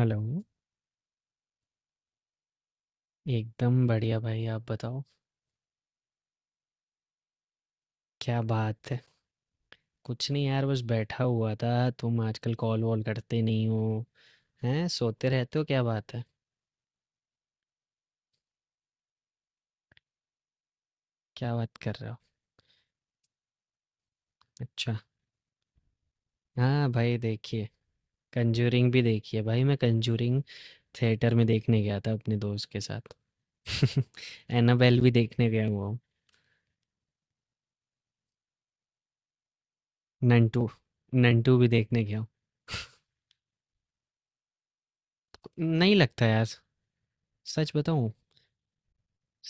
Hello. एकदम बढ़िया भाई, आप बताओ। क्या बात है? कुछ नहीं यार, बस बैठा हुआ था। तुम आजकल कॉल वॉल करते नहीं हो? हैं, सोते रहते हो, क्या बात है? क्या बात कर रहे हो? अच्छा। हाँ भाई देखिए, कंजूरिंग भी देखिए भाई, मैं कंजूरिंग थिएटर में देखने गया था अपने दोस्त के साथ। एनाबेल भी देखने गया हुआ हूँ। नंटू, नंटू भी देखने गया हूँ। नहीं लगता यार। सच बताऊँ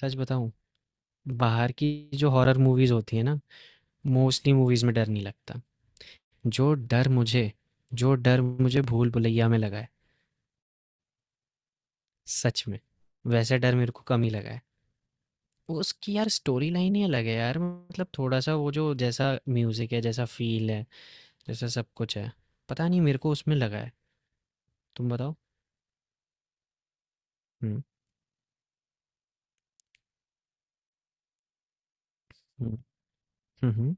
सच बताऊँ? बाहर की जो हॉरर मूवीज होती है ना, मोस्टली मूवीज में डर नहीं लगता। जो डर मुझे जो डर मुझे भूल भुलैया में लगा है, सच में। वैसा डर मेरे को कम ही लगा है। उसकी यार स्टोरी लाइन ही अलग है यार, मतलब थोड़ा सा वो जो जैसा म्यूजिक है, जैसा फील है, जैसा सब कुछ है, पता नहीं मेरे को उसमें लगा है। तुम बताओ। हम्म। हम्म, हम्म, हम्म।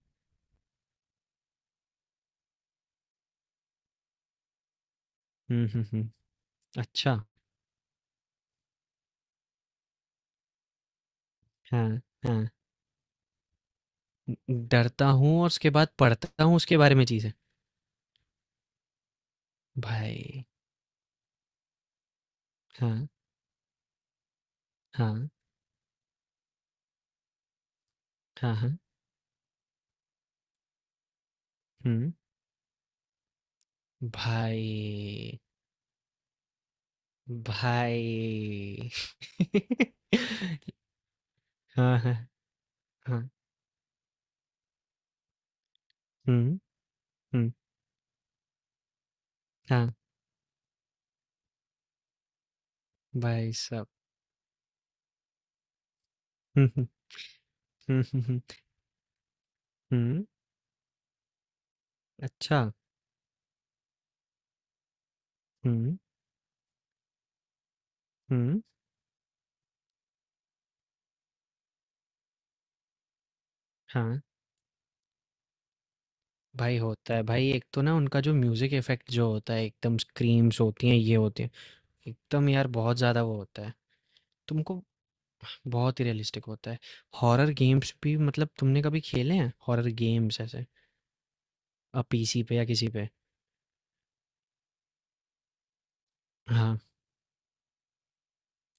हम्म। अच्छा। हाँ, हाँ। डरता हूँ और उसके बाद पढ़ता हूँ उसके बारे में चीज़ें। भाई। हाँ। हाँ। हाँ। हाँ। हम्म। भाई। भाई। हाँ, हाँ, हाँ। हुँ, हुँ। हाँ। भाई साहब। हुँ, हुँ, हुँ। हुँ, हुँ, हुँ। अच्छा, हुँ, हुँ। हाँ। भाई होता है भाई, एक तो ना उनका जो म्यूज़िक इफ़ेक्ट जो होता है एकदम स्क्रीम्स होती हैं, ये होती हैं, एकदम यार बहुत ज़्यादा वो होता है। तुमको बहुत ही रियलिस्टिक होता है। हॉरर गेम्स भी मतलब तुमने कभी खेले हैं हॉरर गेम्स ऐसे, पीसी पे या किसी पे? हाँ,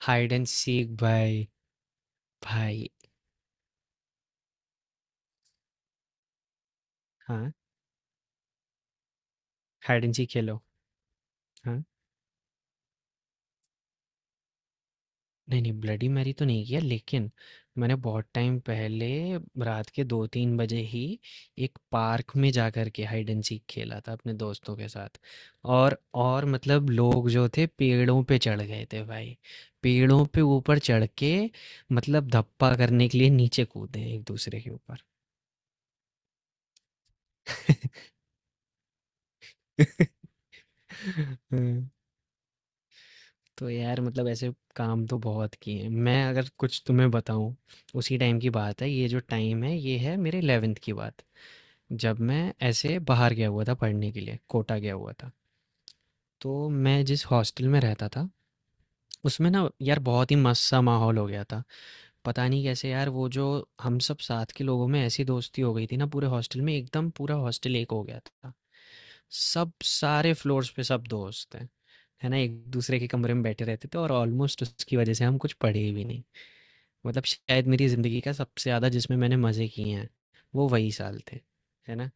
हाइड एंड सीक भाई। भाई। हाँ, हाइड एंड सीक खेलो। हाँ। नहीं, नहीं ब्लडी मैरी तो नहीं किया, लेकिन मैंने बहुत टाइम पहले रात के 2-3 बजे ही एक पार्क में जा कर के हाइड एंड सीक खेला था अपने दोस्तों के साथ। और और मतलब लोग जो थे पेड़ों पे चढ़ गए थे भाई। पेड़ों पे ऊपर चढ़ के मतलब धप्पा करने के लिए नीचे कूदे एक दूसरे के ऊपर। हुँ। तो यार मतलब ऐसे काम तो बहुत किए हैं। मैं अगर कुछ तुम्हें बताऊं, उसी टाइम की बात है, ये जो टाइम है ये है मेरे 11th की बात। जब मैं ऐसे बाहर गया हुआ था पढ़ने के लिए, कोटा गया हुआ था, तो मैं जिस हॉस्टल में रहता था उसमें ना यार बहुत ही मस्त सा माहौल हो गया था। पता नहीं कैसे यार वो जो हम सब साथ के लोगों में ऐसी दोस्ती हो गई थी ना, पूरे हॉस्टल में एकदम पूरा हॉस्टल एक हो गया था। सब सारे फ्लोर्स पे सब दोस्त हैं। है ना, एक दूसरे के कमरे में बैठे रहते थे और ऑलमोस्ट उसकी वजह से हम कुछ पढ़े भी नहीं। मतलब शायद मेरी ज़िंदगी का सबसे ज़्यादा जिसमें मैंने मज़े किए हैं वो वही साल थे। है ना?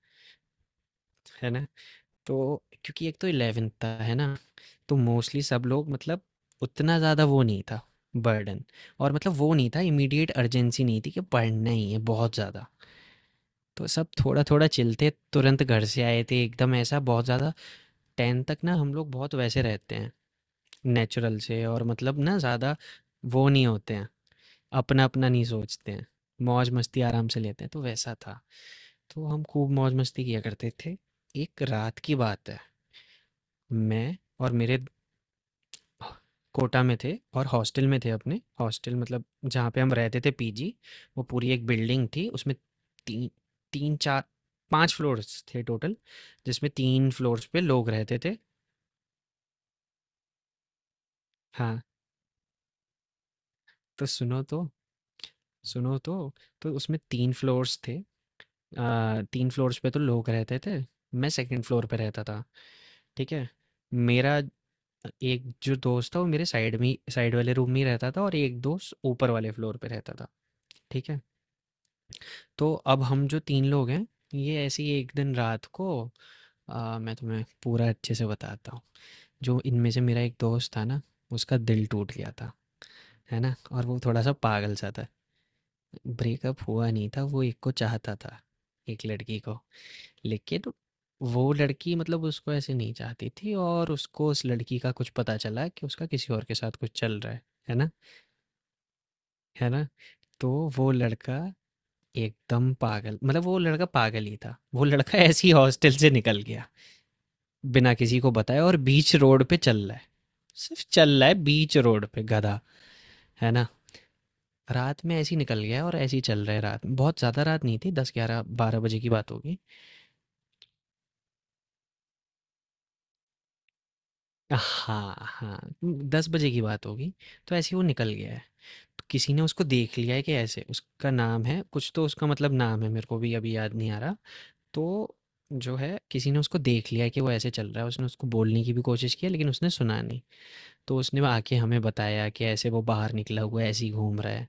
है ना? तो क्योंकि एक तो 11th था, है ना? तो मोस्टली सब लोग मतलब उतना ज़्यादा वो नहीं था, बर्डन, और मतलब वो नहीं था, इमीडिएट अर्जेंसी नहीं थी कि पढ़ना ही है बहुत ज़्यादा। तो सब थोड़ा थोड़ा चिलते, तुरंत घर से आए थे, एकदम ऐसा बहुत ज़्यादा, टेन तक ना हम लोग बहुत वैसे रहते हैं नेचुरल से, और मतलब ना ज़्यादा वो नहीं होते हैं, अपना अपना नहीं सोचते हैं, मौज मस्ती आराम से लेते हैं, तो वैसा था। तो हम खूब मौज मस्ती किया करते थे। एक रात की बात है। मैं और मेरे कोटा में थे और हॉस्टल में थे, अपने हॉस्टल, मतलब जहाँ पे हम रहते थे, पीजी। वो पूरी एक बिल्डिंग थी, उसमें तीन, तीन चार पांच फ्लोर्स थे टोटल, जिसमें तीन फ्लोर्स पे लोग रहते थे। हाँ। तो सुनो तो, तो उसमें तीन फ्लोर्स थे। तीन फ्लोर्स पे तो लोग रहते थे। मैं सेकंड फ्लोर पे रहता था। ठीक है। मेरा एक जो दोस्त था वो मेरे साइड में, साइड वाले रूम में ही रहता था, और एक दोस्त ऊपर वाले फ्लोर पे रहता था। ठीक है। तो अब हम जो तीन लोग हैं, ये ऐसे ही एक दिन रात को, मैं तुम्हें पूरा अच्छे से बताता हूँ। जो इनमें से मेरा एक दोस्त था ना, उसका दिल टूट गया था। है ना, और वो थोड़ा सा पागल सा था। ब्रेकअप हुआ नहीं था, वो एक को चाहता था, एक लड़की को, लेकिन वो लड़की मतलब उसको ऐसे नहीं चाहती थी, और उसको उस लड़की का कुछ पता चला कि उसका किसी और के साथ कुछ चल रहा है। है ना। है ना। तो वो लड़का एकदम पागल, मतलब वो लड़का पागल ही था। वो लड़का ऐसे ही हॉस्टल से निकल गया बिना किसी को बताए, और बीच रोड पे चल रहा है, सिर्फ चल रहा है बीच रोड पे, गधा। है ना, रात में ऐसे ही निकल गया और ऐसे ही चल रहा है रात में, बहुत ज़्यादा रात नहीं थी, दस ग्यारह बारह बजे की बात होगी। हाँ हाँ, दस बजे की बात होगी। तो ऐसे ही वो निकल गया है, किसी ने उसको देख लिया है कि ऐसे, उसका नाम है कुछ तो, उसका मतलब नाम है मेरे को भी अभी याद नहीं आ रहा। तो जो है, किसी ने उसको देख लिया है कि वो ऐसे चल रहा है, उसने उसको बोलने की भी कोशिश की है लेकिन उसने सुना नहीं। तो उसने आके हमें बताया कि ऐसे वो बाहर निकला हुआ है, ऐसे ही घूम रहा है।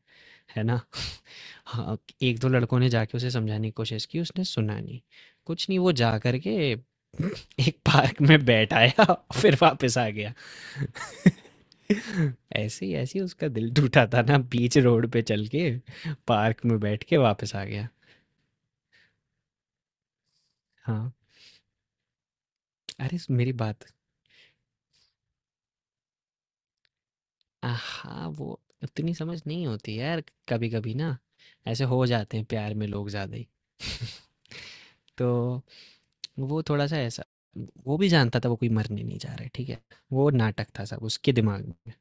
है ना? हाँ, 1-2 लड़कों ने जाके उसे समझाने की कोशिश की, उसने सुना नहीं। कुछ नहीं, वो जा कर के एक पार्क में बैठ आया, फिर वापस आ गया। ऐसे ही उसका दिल टूटा था ना, बीच रोड पे चल के, पार्क में बैठ के वापस आ गया। हाँ, अरे स मेरी बात। हाँ, वो उतनी समझ नहीं होती यार, कभी-कभी ना ऐसे हो जाते हैं प्यार में लोग ज़्यादा ही। तो वो थोड़ा सा ऐसा, वो भी जानता था वो कोई मरने नहीं जा रहा है, ठीक है। वो नाटक था सब उसके दिमाग में,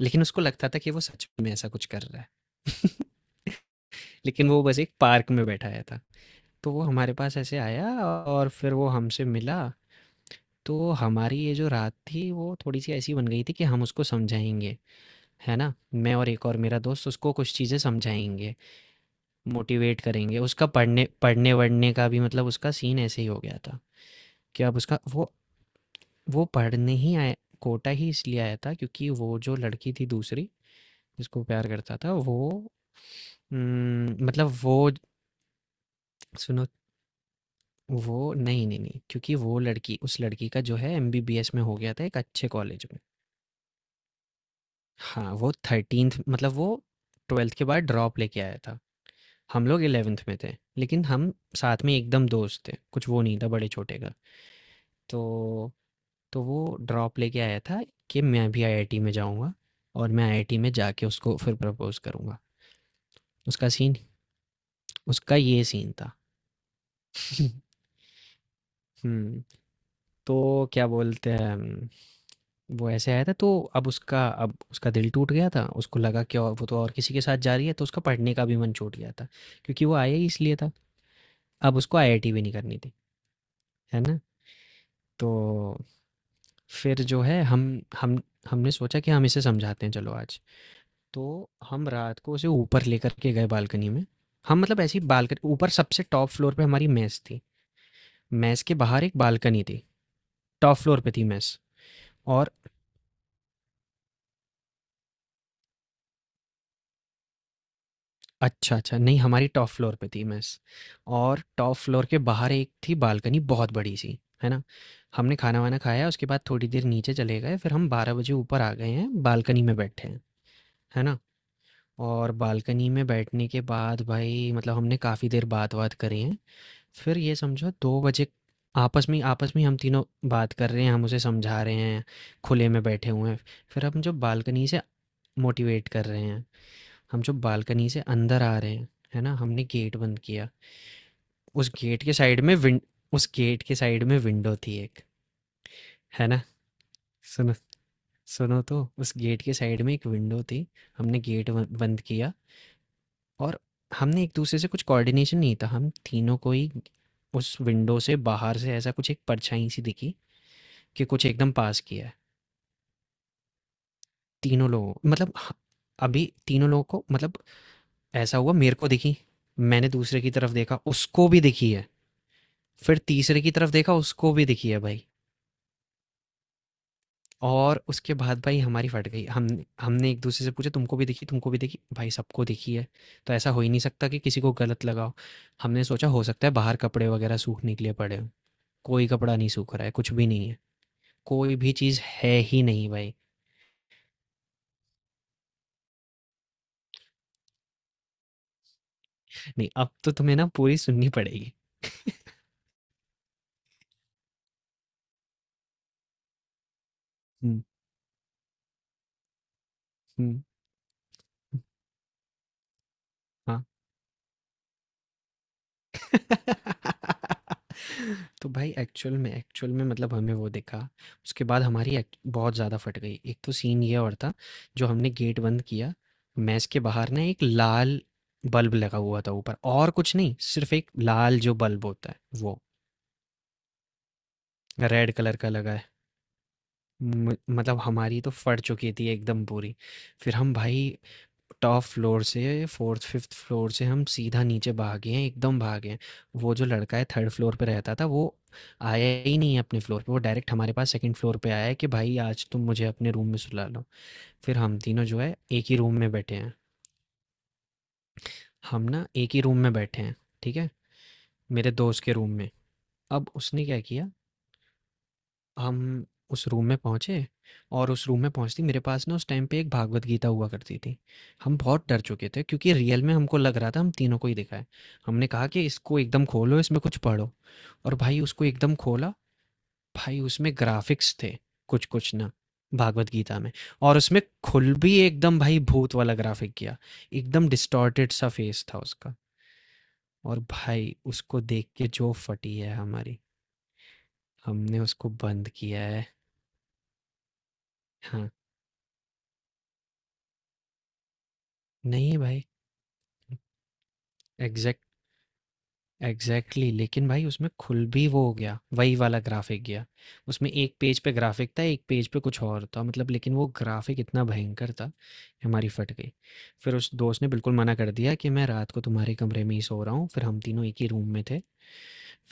लेकिन उसको लगता था कि वो सच में ऐसा कुछ कर रहा है। लेकिन वो बस एक पार्क में बैठाया था। तो वो हमारे पास ऐसे आया और फिर वो हमसे मिला। तो हमारी ये जो रात थी वो थोड़ी सी ऐसी बन गई थी कि हम उसको समझाएंगे, है ना। मैं और एक और मेरा दोस्त उसको कुछ चीज़ें समझाएंगे, मोटिवेट करेंगे, उसका पढ़ने पढ़ने-वढ़ने का भी मतलब उसका सीन ऐसे ही हो गया था कि अब उसका वो पढ़ने ही आया, कोटा ही इसलिए आया था क्योंकि वो जो लड़की थी दूसरी, जिसको प्यार करता था वो। मतलब वो, सुनो, वो नहीं, नहीं, नहीं क्योंकि वो लड़की, उस लड़की का जो है एमबीबीएस में हो गया था एक अच्छे कॉलेज में। हाँ, वो 13th मतलब वो 12th के बाद ड्रॉप लेके आया था। हम लोग 11th में थे, लेकिन हम साथ में एकदम दोस्त थे, कुछ वो नहीं था बड़े-छोटे का। तो तो वो ड्रॉप लेके आया था कि मैं भी आईआईटी में जाऊँगा, और मैं आईआईटी में जाके उसको फिर प्रपोज़ करूँगा। उसका सीन, उसका ये सीन था। हुँ, तो क्या बोलते हैं, वो ऐसे आया था। तो अब उसका दिल टूट गया था। उसको लगा कि, और वो तो और किसी के साथ जा रही है, तो उसका पढ़ने का भी मन छूट गया था, क्योंकि वो आया ही इसलिए था। अब उसको आईआईटी भी नहीं करनी थी, है ना? तो फिर जो है, हम हमने सोचा कि हम इसे समझाते हैं, चलो आज। तो हम रात को उसे ऊपर लेकर के गए बालकनी में। हम मतलब ऐसे ही बालकनी ऊपर, सबसे टॉप फ्लोर पे हमारी मेस थी। मेस के बाहर एक बालकनी थी। टॉप फ्लोर पे थी मेस, और अच्छा, अच्छा नहीं, हमारी टॉप फ्लोर पे थी मेस, और टॉप फ्लोर के बाहर एक थी बालकनी, बहुत बड़ी-सी, है ना? हमने खाना-वाना खाया, उसके बाद थोड़ी देर नीचे चले गए, फिर हम 12 बजे ऊपर आ गए हैं, बालकनी में बैठे हैं, है ना? और बालकनी में बैठने के बाद भाई मतलब हमने काफ़ी देर बात-वात करी है, फिर ये समझो 2 बजे, आपस में, आपस में हम तीनों बात कर रहे हैं, हम उसे समझा रहे हैं, खुले में बैठे हुए हैं। फिर हम जो बालकनी से, मोटिवेट कर रहे हैं, हम जो बालकनी से अंदर आ रहे हैं, है ना? हमने गेट बंद किया। उस गेट के साइड में विन उस गेट के साइड में विंडो थी एक, है ना? सुनो, सुनो तो, उस गेट के साइड में एक विंडो थी। हमने गेट ब बंद किया, और हमने एक-दूसरे से कुछ कोऑर्डिनेशन नहीं था, हम तीनों को ही उस विंडो से बाहर से ऐसा कुछ एक परछाई सी दिखी कि कुछ एकदम पास किया है। तीनों लोगों मतलब ह अभी तीनों लोगों को मतलब, ऐसा हुआ, मेरे को दिखी, मैंने दूसरे की तरफ देखा, उसको भी दिखी है, फिर तीसरे की तरफ देखा, उसको भी दिखी है भाई। और उसके बाद भाई हमारी फट गई। हम हमने एक-दूसरे से पूछा, तुमको भी दिखी, तुमको भी दिखी? भाई सबको दिखी है, तो ऐसा हो ही नहीं सकता कि किसी को गलत लगा हो। हमने सोचा हो सकता है बाहर कपड़े वगैरह सूखने के लिए पड़े हों, कोई कपड़ा नहीं सूख रहा है, कुछ भी नहीं है, कोई भी चीज़ है ही नहीं भाई। नहीं, अब तो तुम्हें ना पूरी सुननी पड़ेगी। हुँ, हुँ, हाँ। तो भाई एक्चुअल में मतलब हमें वो दिखा। उसके बाद हमारी बहुत ज़्यादा फट गई। एक तो सीन ये और था, जो हमने गेट बंद किया, मैस के बाहर ना एक लाल बल्ब लगा हुआ था ऊपर, और कुछ नहीं सिर्फ एक लाल जो बल्ब होता है वो, रेड कलर का लगा है। मतलब हमारी तो फट चुकी थी एकदम पूरी। फिर हम भाई टॉप फ्लोर से, फोर्थ फिफ्थ फ्लोर से, हम सीधा नीचे भागे हैं, एकदम भागे हैं। वो जो लड़का है थर्ड फ्लोर पे रहता था, वो आया ही नहीं है अपने फ्लोर पे, वो डायरेक्ट हमारे पास सेकंड फ्लोर पे आया है कि भाई आज तुम मुझे अपने रूम में सुला लो। फिर हम तीनों जो है एक ही रूम में बैठे हैं। हम ना एक ही रूम में बैठे हैं, ठीक है, मेरे दोस्त के रूम में। अब उसने क्या किया, हम उस रूम में पहुँचे, और उस रूम में पहुँचते ही मेरे पास ना उस टाइम पे एक भागवत गीता हुआ करती थी। हम बहुत डर चुके थे क्योंकि रियल में हमको लग रहा था हम तीनों को ही दिखा है। हमने कहा कि इसको एकदम खोलो, इसमें कुछ पढ़ो, और भाई उसको एकदम खोला, भाई उसमें ग्राफ़िक्स थे कुछ-कुछ ना, भागवत गीता में, और उसमें खुल भी एकदम भाई भूत वाला ग्राफ़िक किया। एकदम डिस्टॉर्टेड सा फेस था उसका, और भाई उसको देख के जो फटी है हमारी, हमने उसको बंद किया है। हाँ, नहीं भाई। एग्जैक्ट, एग्जैक्टली, लेकिन भाई उसमें खुल भी वो हो गया वही वाला ग्राफिक गया। उसमें एक पेज पे ग्राफिक था, एक पेज पे कुछ और था, मतलब, लेकिन वो ग्राफिक इतना भयंकर था कि हमारी फट गई। फिर उस दोस्त ने बिल्कुल मना कर दिया कि मैं रात को तुम्हारे कमरे में ही सो रहा हूँ, फिर हम तीनों एक ही रूम में थे।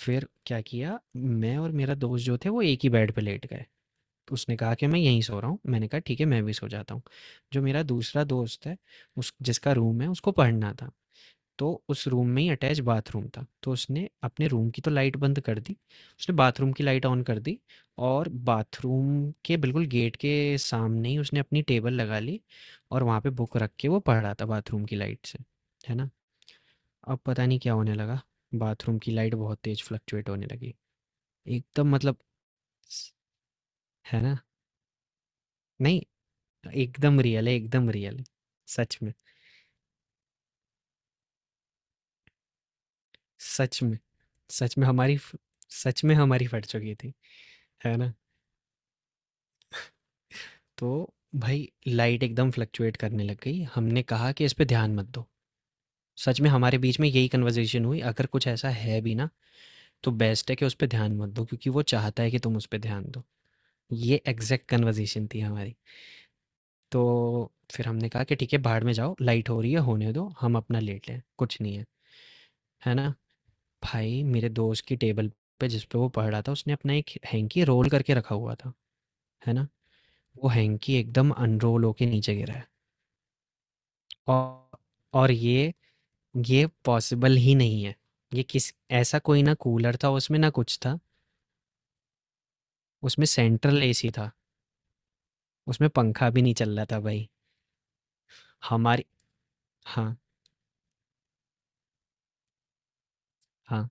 फिर क्या किया, मैं और मेरा दोस्त जो थे वो एक ही बेड पे लेट गए। तो उसने कहा कि मैं यहीं सो रहा हूँ, मैंने कहा ठीक है मैं भी सो जाता हूँ। जो मेरा दूसरा दोस्त है, उस जिसका रूम है, उसको पढ़ना था, तो उस रूम में ही अटैच बाथरूम था। तो उसने अपने रूम की तो लाइट बंद कर दी, उसने बाथरूम की लाइट ऑन कर दी, और बाथरूम के बिल्कुल गेट के सामने ही उसने अपनी टेबल लगा ली, और वहाँ पे बुक रख के वो पढ़ रहा था बाथरूम की लाइट से, है ना? अब पता नहीं क्या होने लगा, बाथरूम की लाइट बहुत तेज़ फ्लक्चुएट होने लगी। एकदम मतलब, स है ना? नहीं, एकदम रियल है, एकदम रियल है। सच में, सच में, सच में हमारी फ सच में हमारी फट चुकी थी, है ना? तो भाई लाइट एकदम फ्लक्चुएट करने लग गई। हमने कहा कि इस पे ध्यान मत दो। सच में हमारे बीच में यही कन्वर्सेशन हुई, अगर कुछ ऐसा है भी ना, तो बेस्ट है कि उस पे ध्यान मत दो क्योंकि वो चाहता है कि तुम उस पे ध्यान दो। ये एग्ज़ैक्ट कन्वर्सेशन थी हमारी। तो फिर हमने कहा कि ठीक है बाहर में जाओ, लाइट हो रही है, होने दो, हम अपना लेट लें, कुछ नहीं है। है ना? भाई मेरे दोस्त की टेबल पे, जिस पे वो पढ़ रहा था, उसने अपना एक हैंकी रोल करके रखा हुआ था। है ना? वो हैंकी एकदम अनरोल होके नीचे गिरा है। औ और ये पॉसिबल ही नहीं है, ये किस ऐसा कोई ना कूलर था उसमें, ना कुछ था, उसमें सेंट्रल एसी था, उसमें पंखा भी नहीं चल रहा था भाई। हमारी हाँ, हाँ,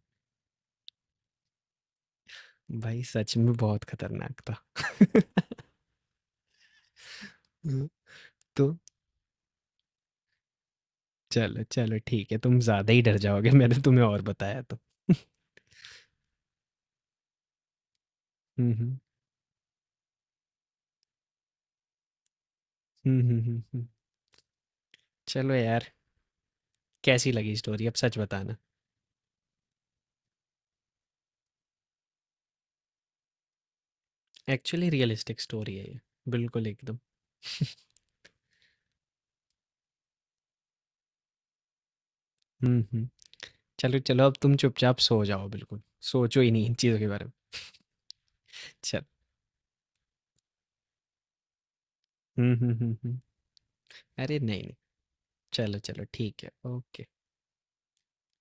भाई सच में बहुत खतरनाक था। हम्म। तो चलो, चलो ठीक है, तुम ज़्यादा ही डर जाओगे मैंने तुम्हें और बताया तो। हम्म, हम्म, हम्म, हम्म, हम्म, हम्म। चलो यार, कैसी लगी स्टोरी अब सच बताना। एक्चुअली रियलिस्टिक स्टोरी है ये, बिल्कुल एकदम। हम्म, हम्म। चलो, चलो, अब तुम चुपचाप सो जाओ बिल्कुल, सोचो ही नहीं इन चीज़ों के बारे में। चलो। हुँ, हुँ, हुँ, हुँ। अरे नहीं, नहीं। चलो, चलो ठीक है, ओके।